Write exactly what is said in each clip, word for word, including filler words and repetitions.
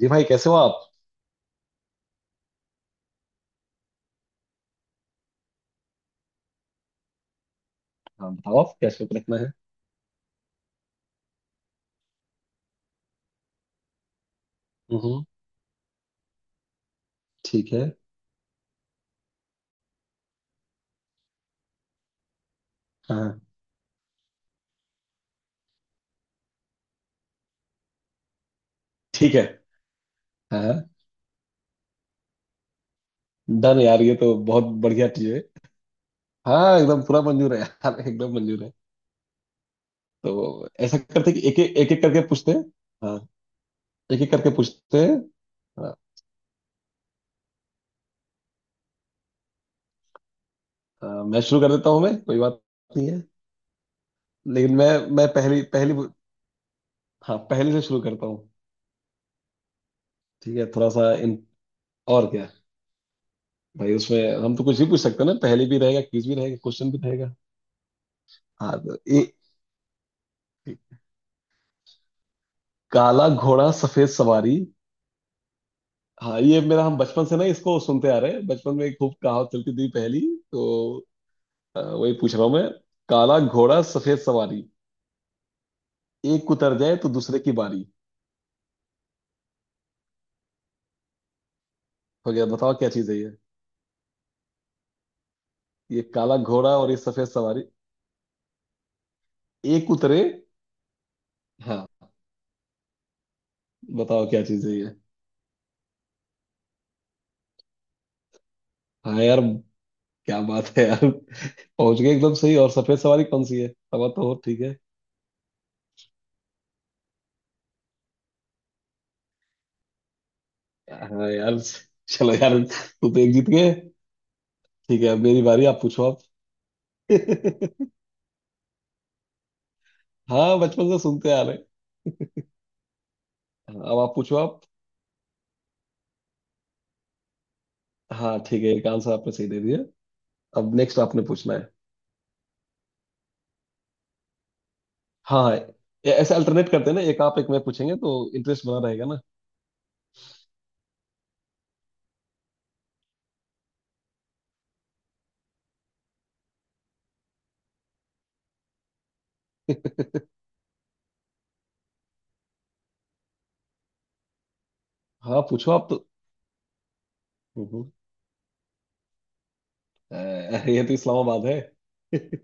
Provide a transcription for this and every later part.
जी भाई, कैसे हो आप? हाँ, बताओ आप क्या शौक रखना है। हम्म। ठीक है। हाँ, ठीक है। हाँ। डन यार, ये तो बहुत बढ़िया चीज है। हाँ, एकदम पूरा मंजूर है यार, एकदम मंजूर है। तो ऐसा करते हैं कि एक एक एक एक करके पूछते हैं। हाँ। एक एक करके पूछते हैं। हाँ, हाँ, मैं शुरू कर देता हूँ, मैं, कोई बात नहीं है। लेकिन मैं मैं पहली पहली। हाँ, पहली से शुरू करता हूँ। ठीक है, थोड़ा सा इन। और क्या। भाई उसमें हम तो कुछ भी पूछ सकते हैं ना, पहली भी रहेगा, क्विज भी रहेगा, क्वेश्चन भी रहेगा। हाँ, तो ये काला घोड़ा सफेद सवारी। हाँ ये मेरा, हम बचपन से ना इसको सुनते आ रहे हैं, बचपन में खूब कहावत चलती थी पहली। तो अ, वही पूछ रहा हूँ मैं। काला घोड़ा सफेद सवारी, एक उतर जाए तो दूसरे की बारी। हो गया, बताओ क्या चीज है ये। ये काला घोड़ा और ये सफेद सवारी। एक उतरे। हाँ। बताओ क्या चीज है ये। हाँ यार। क्या बात है यार। पहुंच गए एकदम सही, और सफेद सवारी कौन सी है, सवा तो हो, ठीक है। हाँ यार। चलो यार, तू तो एक जीत गए। ठीक है, अब मेरी बारी, आप पूछो आप। हाँ, बचपन से सुनते आ रहे हैं। अब आप पूछो आप। हाँ ठीक है, एक आंसर आपने सही दे दिया। अब नेक्स्ट आपने पूछना है। हाँ हाँ। ए- ऐसे अल्टरनेट करते हैं ना, एक आप एक मैं पूछेंगे तो इंटरेस्ट बना रहेगा ना। हाँ, पूछो आप तो। हम्म, अ, ये तो इस्लामाबाद है।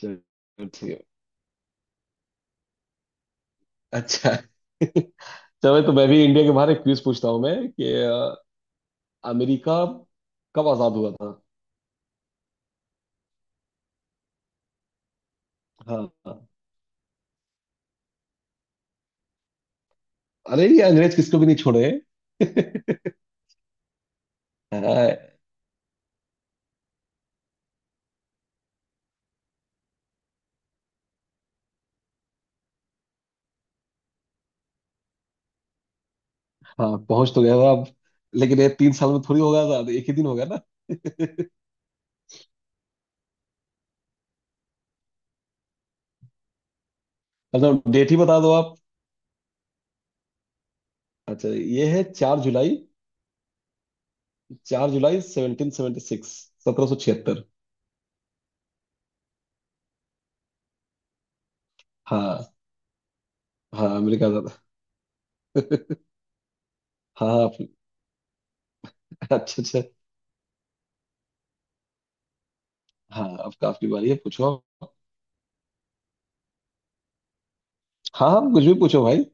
चलो ठीक है। अच्छा। चलो, तो मैं भी इंडिया के बाहर एक क्विज पूछता हूँ मैं कि अ, अमेरिका कब आजाद हुआ था। हाँ। हाँ। अरे ये अंग्रेज किसको भी नहीं छोड़े। हाँ। हाँ, पहुंच तो गया था अब। लेकिन ये तीन साल में थोड़ी होगा था, तो एक ही दिन होगा ना। मतलब डेट ही बता दो आप। अच्छा, ये है चार जुलाई। चार जुलाई सेवनटीन सेवेंटी सिक्स। सत्रह सौ छिहत्तर। हाँ। हाँ, अमेरिका का था। हाँ हाँ, आप- अच्छा अच्छा। हाँ, अब काफी बारी है, पूछो आप। हाँ आप कुछ भी पूछो भाई।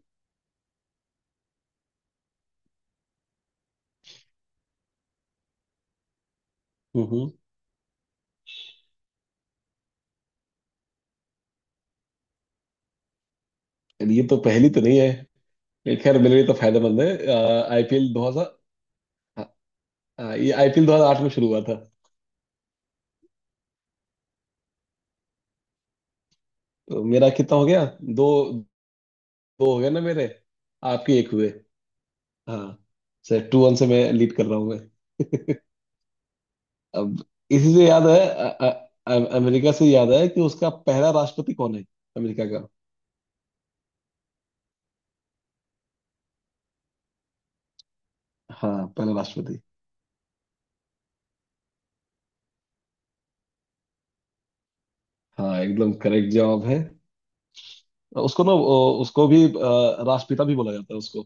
हम्म। हम्म, ये तो पहली तो नहीं है। ये खैर मेरे लिए तो फायदेमंद है। आई पी एल दो हजार। हाँ, ये आई पी एल दो हजार आठ में शुरू हुआ था। तो मेरा कितना हो गया। दो। दो हो गया ना मेरे। आपके एक हुए। हाँ। सर टू वन से मैं लीड कर रहा हूँ मैं। अब, इसी से याद है अ- अ- अ- अमेरिका से याद है कि उसका पहला राष्ट्रपति कौन है। अमेरिका का। हाँ, पहला राष्ट्रपति। हाँ, एकदम करेक्ट जवाब है। उसको ना वो- उसको भी अ, राष्ट्रपिता भी बोला जाता है उसको।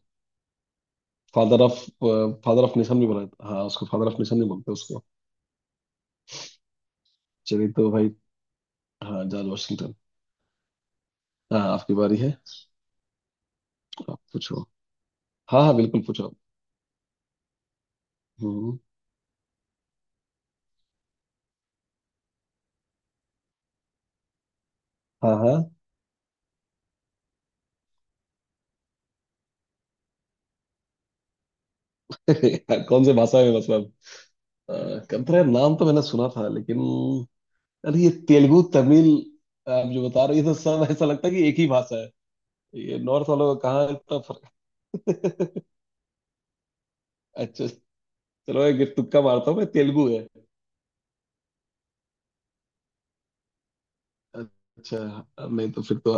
Father of. Father of nation भी बोला जाता है, हाँ, उसको फादर ऑफ नेशन भी बोलते हैं उसको। चलिए तो भाई। हाँ, जॉर्ज वाशिंगटन। हाँ, आपकी बारी है। आप पूछो। हाँ हाँ, बिल्कुल पूछो आप। हम्म। हाँ हाँ। कौन से भाषा में, बस। कंतरा नाम तो मैंने सुना था लेकिन। अरे, ये तेलुगु, तमिल, आप जो बता रहे हो, ये तो सब ऐसा लगता है कि एक ही भाषा है। ये नॉर्थ वालों का कहाँ इतना फर्क है। अच्छा। चलो, एक तुक्का मारता हूँ मैं, तेलुगु है। अच्छा। नहीं तो फिर तो,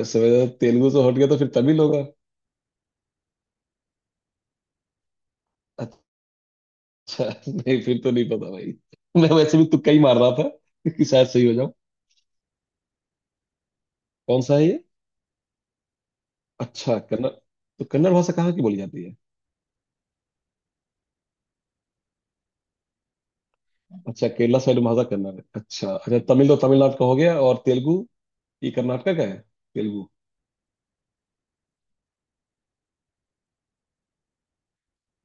समझा, तेलुगु से हट गया तो फिर तमिल होगा। अच्छा, नहीं फिर तो नहीं पता भाई। मैं वैसे भी तुक्का ही मार रहा था, कि शायद सही हो जाऊं। कौन सा है ये। अच्छा, कन्नड़। तो कन्नड़ भाषा कहाँ की बोली जाती है। अच्छा, केरला साइड भाषा कन्नड़ है, अच्छा अच्छा, तमिल तो तमिलनाडु का हो गया, और तेलुगु, ये कर्नाटका का है, तेलुगु।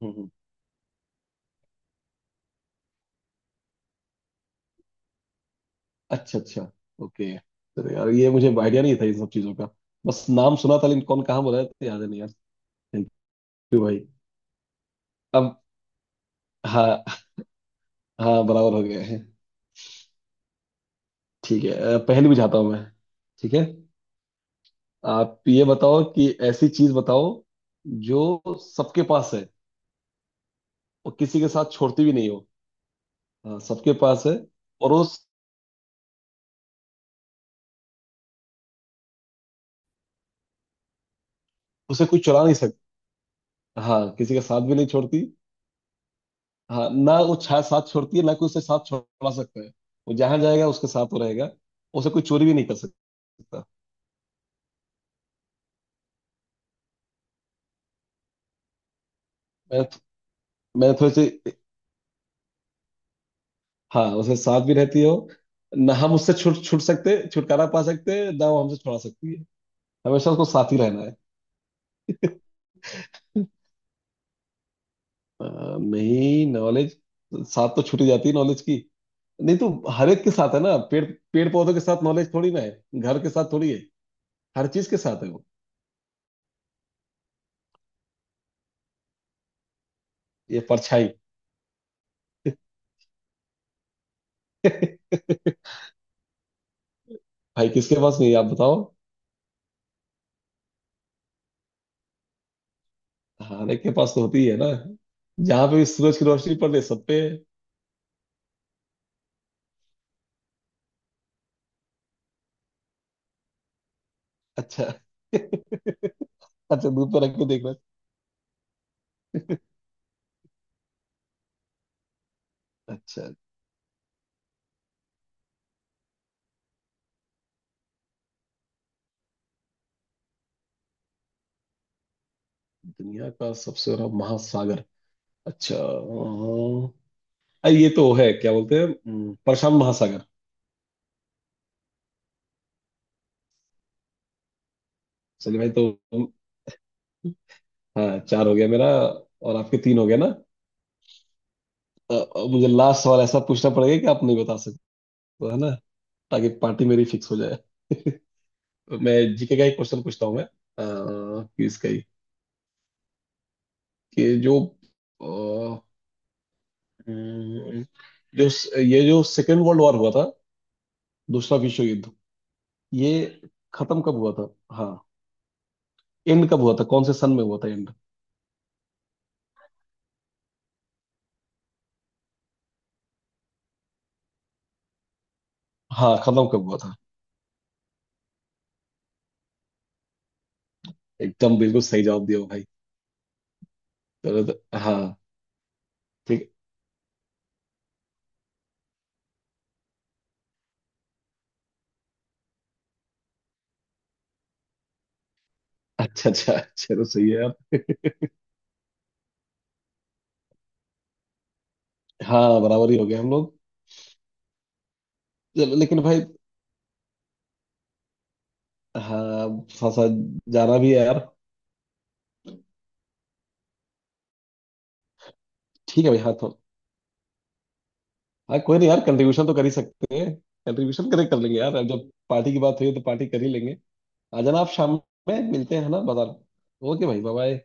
हम्म। अच्छा अच्छा। ओके। तो यार, ये मुझे आइडिया नहीं था इन सब चीजों का। बस नाम सुना था लेकिन कौन कहाँ बोला है तो याद है नहीं यार। थैंक यू भाई। अब, हाँ हाँ बराबर हो गया है। ठीक है, अ, पहली बुझाता हूँ मैं। ठीक है। आप ये बताओ कि ऐसी चीज बताओ जो सबके पास है, और किसी के साथ छोड़ती भी नहीं हो। हाँ, सबके पास है। और उस उसे कोई चुरा नहीं सकता। हाँ, किसी के साथ भी नहीं छोड़ती। हाँ, ना वो छा साथ छोड़ती है, ना कोई उसे साथ छोड़ा सकता है। वो जहां जाएगा उसके साथ वो रहेगा। उसे कोई चोरी भी नहीं कर सकता। मैं मैं थोड़ी सी, हाँ, उसे साथ भी रहती हो, ना हम उससे छुट छुट सकते छुटकारा पा सकते हैं, ना वो हमसे छुड़ा सकती है। हमेशा उसको साथ ही रहना है। अ, नहीं, नॉलेज साथ तो छूटी जाती है नॉलेज की। नहीं तो हर एक के साथ है ना, पेड़ पेड़ पौधों के साथ नॉलेज थोड़ी ना है, घर के साथ थोड़ी है, हर चीज के साथ है वो। ये परछाई। भाई किसके पास नहीं है, आप बताओ। खाने के पास तो होती है ना, जहाँ पे भी सूरज की रोशनी पड़े सब पे। अच्छा अच्छा। दूर पे रख के देखना। अच्छा। दुनिया का सबसे बड़ा महासागर। अच्छा, अ, ये तो है, क्या बोलते हैं, हम्म, प्रशांत महासागर। चलिए भाई तो, हाँ, चार हो गया मेरा, और आपके तीन हो गया ना। अ, अ, मुझे लास्ट सवाल ऐसा पूछना पड़ेगा कि आप नहीं बता सकते, है ना, ताकि पार्टी मेरी फिक्स हो जाए। मैं जी के का एक क्वेश्चन पूछता हूँ मैं अ, कि इसका ही, कि जो, हम्म, जो, ये जो सेकेंड वर्ल्ड वॉर हुआ था, दूसरा विश्व युद्ध, ये खत्म कब हुआ था। हाँ, एंड कब हुआ था, कौन से सन में हुआ था एंड। हाँ, खत्म कब हुआ था। एकदम बिल्कुल सही जवाब दिया भाई। चलो तो- हाँ, ठीक। अच्छा अच्छा, चलो सही है यार। हाँ, बराबर ही हो गया हम लोग। चलो, लेकिन भाई, हाँ, थोड़ा सा जाना भी है यार। ठीक है भाई, हाँ तो, हाँ, कोई नहीं यार, कंट्रीब्यूशन तो कर ही सकते हैं। कंट्रीब्यूशन करें, कर लेंगे यार, अब जब पार्टी की बात हुई है, तो पार्टी कर ही लेंगे। आ जाना आप शाम में, मिलते हैं ना बाजार। ओके भाई, बाय बाय।